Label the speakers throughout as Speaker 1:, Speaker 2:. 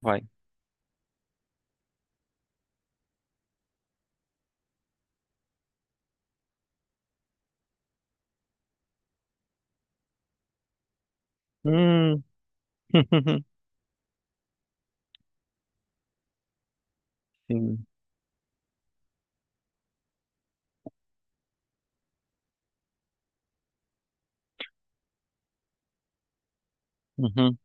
Speaker 1: Vai. Hum. Sim. Uhum.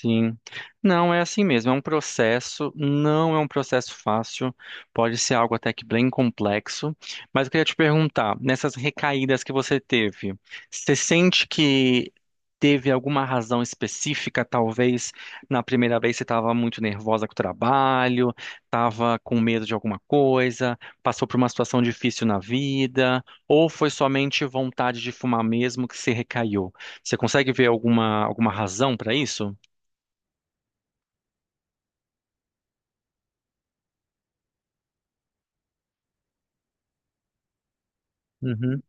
Speaker 1: Sim, não é assim mesmo, é um processo, não é um processo fácil, pode ser algo até que bem complexo, mas eu queria te perguntar, nessas recaídas que você teve, você sente que teve alguma razão específica, talvez na primeira vez você estava muito nervosa com o trabalho, estava com medo de alguma coisa, passou por uma situação difícil na vida, ou foi somente vontade de fumar mesmo que se recaiu? Você consegue ver alguma razão para isso? Uhum,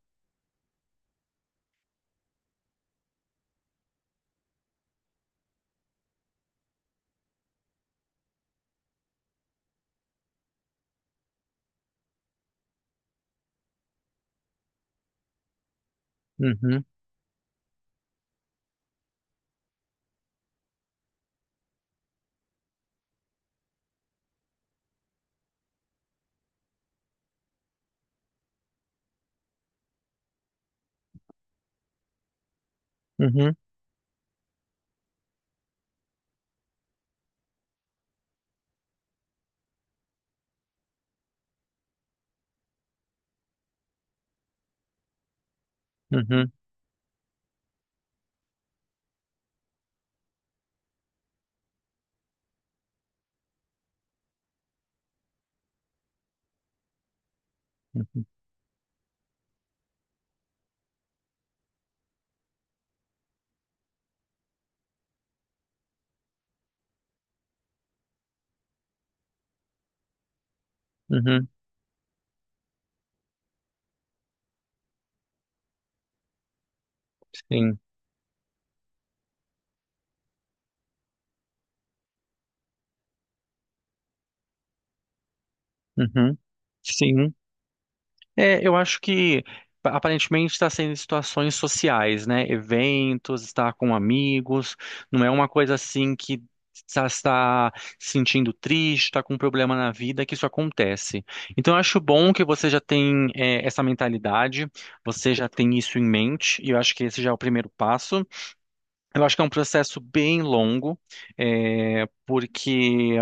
Speaker 1: uhum, uhum, uhum, uhum, uhum, sim, uhum, sim. É, eu acho que aparentemente está sendo situações sociais, né? Eventos, estar com amigos, não é uma coisa assim que está se sentindo triste, está com um problema na vida, que isso acontece. Então eu acho bom que você já tem é, essa mentalidade, você já tem isso em mente, e eu acho que esse já é o primeiro passo. Eu acho que é um processo bem longo, é, porque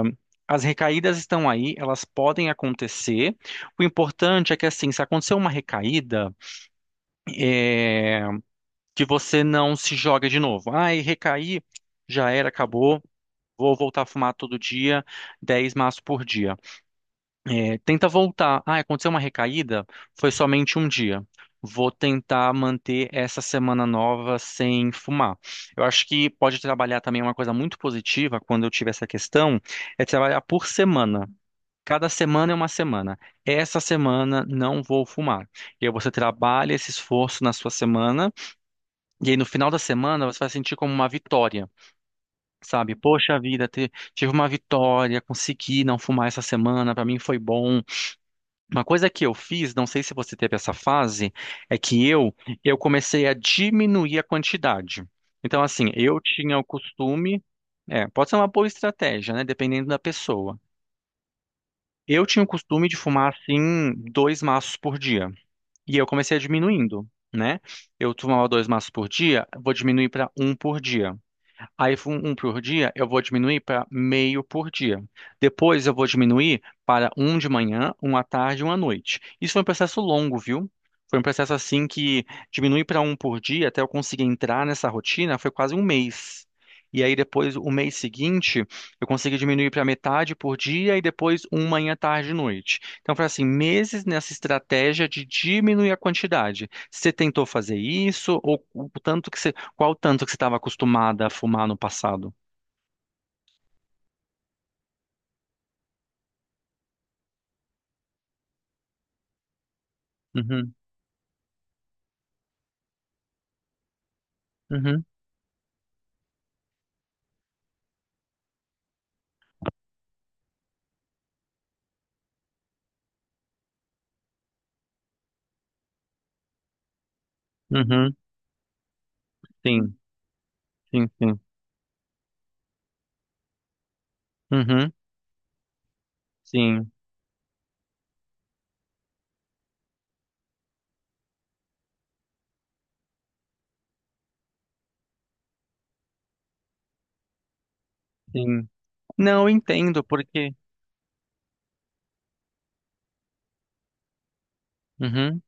Speaker 1: as recaídas estão aí, elas podem acontecer. O importante é que, assim, se acontecer uma recaída, é, que você não se joga de novo. Ai, recaí, já era, acabou, vou voltar a fumar todo dia, 10 maços por dia. É, tenta voltar. Ah, aconteceu uma recaída? Foi somente um dia. Vou tentar manter essa semana nova sem fumar. Eu acho que pode trabalhar também uma coisa muito positiva quando eu tiver essa questão, é trabalhar por semana. Cada semana é uma semana. Essa semana não vou fumar. E aí você trabalha esse esforço na sua semana, e aí no final da semana você vai sentir como uma vitória. Sabe, poxa vida, tive uma vitória, consegui não fumar essa semana, pra mim foi bom. Uma coisa que eu fiz, não sei se você teve essa fase, é que eu comecei a diminuir a quantidade. Então, assim, eu tinha o costume, é, pode ser uma boa estratégia, né? Dependendo da pessoa. Eu tinha o costume de fumar assim dois maços por dia e eu comecei a diminuindo, né? Eu fumava dois maços por dia, vou diminuir para um por dia. Aí, um por dia, eu vou diminuir para meio por dia. Depois, eu vou diminuir para um de manhã, um à tarde e um à noite. Isso foi um processo longo, viu? Foi um processo assim que diminui para um por dia até eu conseguir entrar nessa rotina, foi quase um mês. E aí, depois, o mês seguinte, eu consegui diminuir para metade por dia e depois um manhã, tarde e noite. Então, foi assim, meses nessa estratégia de diminuir a quantidade. Você tentou fazer isso ou o tanto que você qual o tanto que você estava acostumada a fumar no passado? Uhum, uhum, uhum, sim, sim, sim, uhum, sim, sim. Não eu entendo porque. Uhum,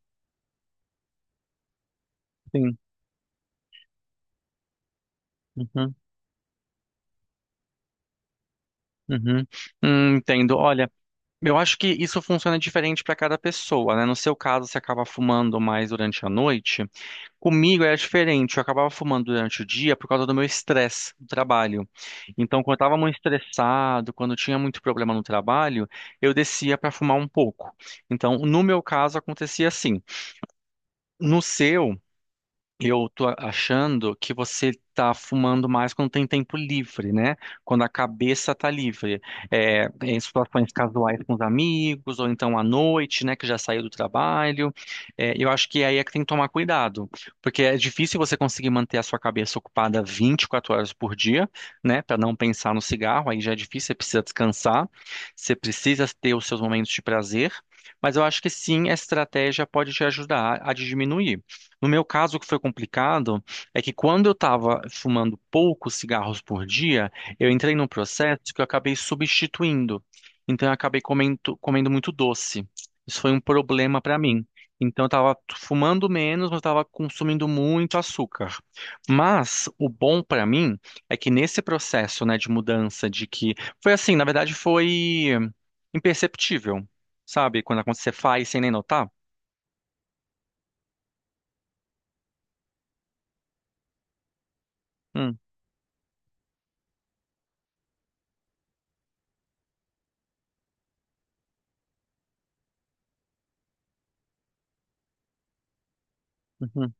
Speaker 1: sim, uhum, uhum. Entendo. Olha, eu acho que isso funciona diferente para cada pessoa, né? No seu caso, você acaba fumando mais durante a noite. Comigo era diferente, eu acabava fumando durante o dia por causa do meu estresse do trabalho. Então, quando eu estava muito estressado, quando eu tinha muito problema no trabalho, eu descia para fumar um pouco. Então, no meu caso, acontecia assim. No seu. Eu tô achando que você tá fumando mais quando tem tempo livre, né? Quando a cabeça tá livre. É, em situações casuais com os amigos, ou então à noite, né? Que já saiu do trabalho. É, eu acho que aí é que tem que tomar cuidado. Porque é difícil você conseguir manter a sua cabeça ocupada 24 horas por dia, né? Para não pensar no cigarro, aí já é difícil, você precisa descansar, você precisa ter os seus momentos de prazer. Mas eu acho que sim, a estratégia pode te ajudar a diminuir. No meu caso, o que foi complicado é que quando eu estava fumando poucos cigarros por dia, eu entrei num processo que eu acabei substituindo. Então, eu acabei comendo muito doce. Isso foi um problema para mim. Então, eu estava fumando menos, mas estava consumindo muito açúcar. Mas o bom para mim é que nesse processo, né, de mudança, de que foi assim, na verdade, foi imperceptível, sabe? Quando você faz sem nem notar. Hum, uhum,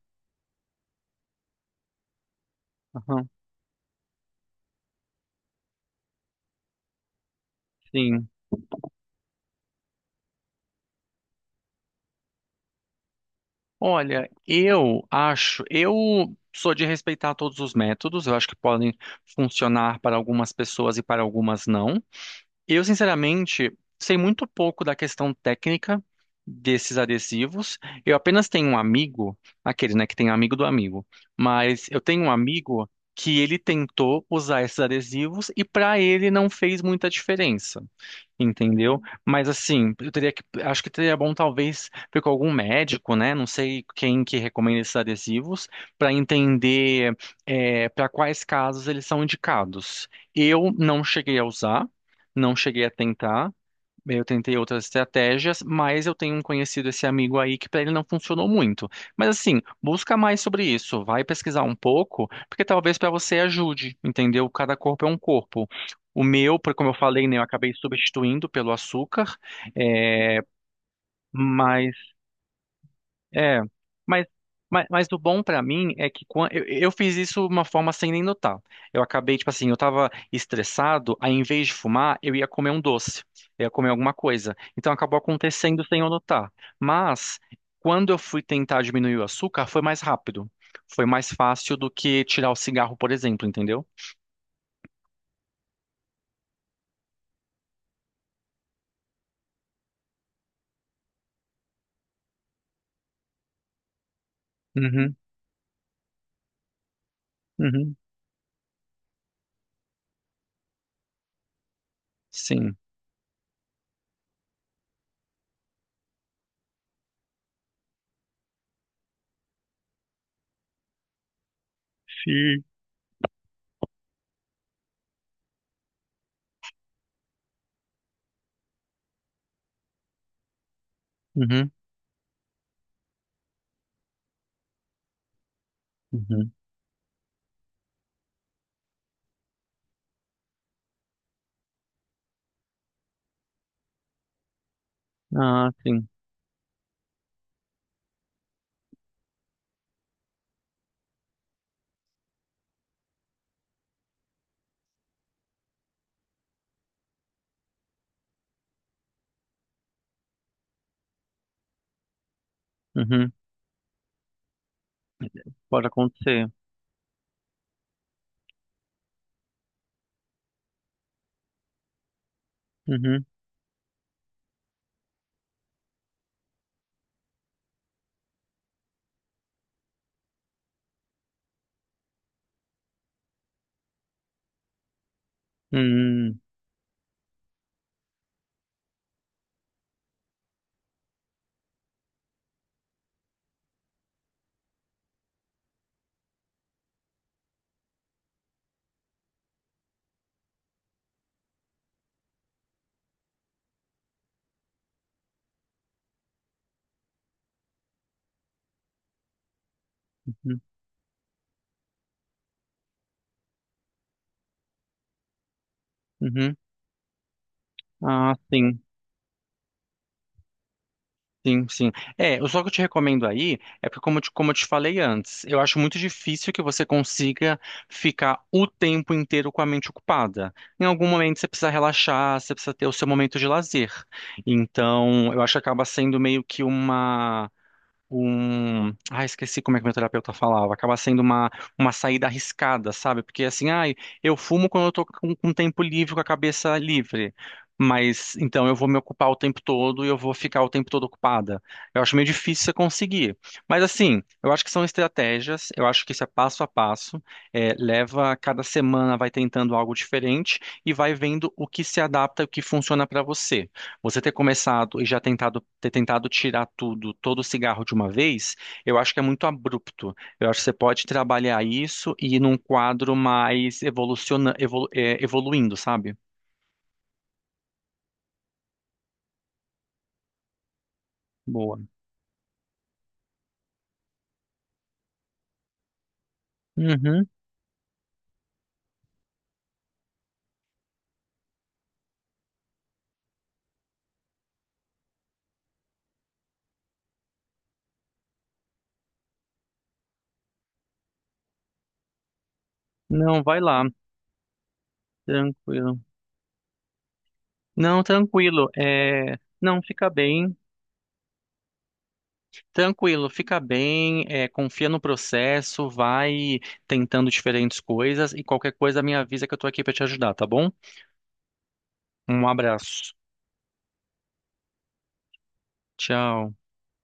Speaker 1: aham, sim. Olha, eu acho, eu sou de respeitar todos os métodos, eu acho que podem funcionar para algumas pessoas e para algumas não. Eu, sinceramente, sei muito pouco da questão técnica desses adesivos. Eu apenas tenho um amigo, aquele, né, que tem amigo do amigo, mas eu tenho um amigo que ele tentou usar esses adesivos e para ele não fez muita diferença. Entendeu? Mas assim, eu teria que, acho que seria bom talvez ver com algum médico, né? Não sei quem que recomenda esses adesivos, para entender para quais casos eles são indicados. Eu não cheguei a usar, não cheguei a tentar. Eu tentei outras estratégias, mas eu tenho um conhecido, esse amigo aí, que para ele não funcionou muito. Mas assim, busca mais sobre isso, vai pesquisar um pouco, porque talvez para você ajude, entendeu? Cada corpo é um corpo. O meu, como eu falei, né, eu acabei substituindo pelo açúcar, é, mas, mas o bom pra mim é que eu fiz isso de uma forma sem nem notar. Eu acabei, tipo assim, eu tava estressado, aí em vez de fumar, eu ia comer um doce, eu ia comer alguma coisa. Então acabou acontecendo sem eu notar. Mas quando eu fui tentar diminuir o açúcar, foi mais rápido. Foi mais fácil do que tirar o cigarro, por exemplo, entendeu? Uhum, uhum, sim. Sim. Uhum, uhum. Ah, sim. Uhum, pode acontecer. Uhum, uhum, uhum. Uhum. Ah, sim, sim, sim. É, o só que eu te recomendo aí é porque, como eu te falei antes, eu acho muito difícil que você consiga ficar o tempo inteiro com a mente ocupada. Em algum momento você precisa relaxar, você precisa ter o seu momento de lazer. Então, eu acho que acaba sendo meio que um. Ah, esqueci como é que meu terapeuta falava. Acaba sendo uma saída arriscada, sabe? Porque assim, ai, eu fumo quando eu tô com um tempo livre, com a cabeça livre. Mas então eu vou me ocupar o tempo todo e eu vou ficar o tempo todo ocupada. Eu acho meio difícil você conseguir. Mas assim, eu acho que são estratégias, eu acho que isso é passo a passo. É, leva, cada semana vai tentando algo diferente e vai vendo o que se adapta e o que funciona pra você. Você ter começado e já tentado, ter tentado tirar tudo, todo o cigarro de uma vez, eu acho que é muito abrupto. Eu acho que você pode trabalhar isso e ir num quadro mais evoluindo, sabe? Boa. Uhum. Não, vai lá. Tranquilo. Não, tranquilo. É... Não, fica bem. Tranquilo, fica bem. É, confia no processo, vai tentando diferentes coisas e qualquer coisa me avisa que eu tô aqui pra te ajudar, tá bom? Um abraço. Tchau.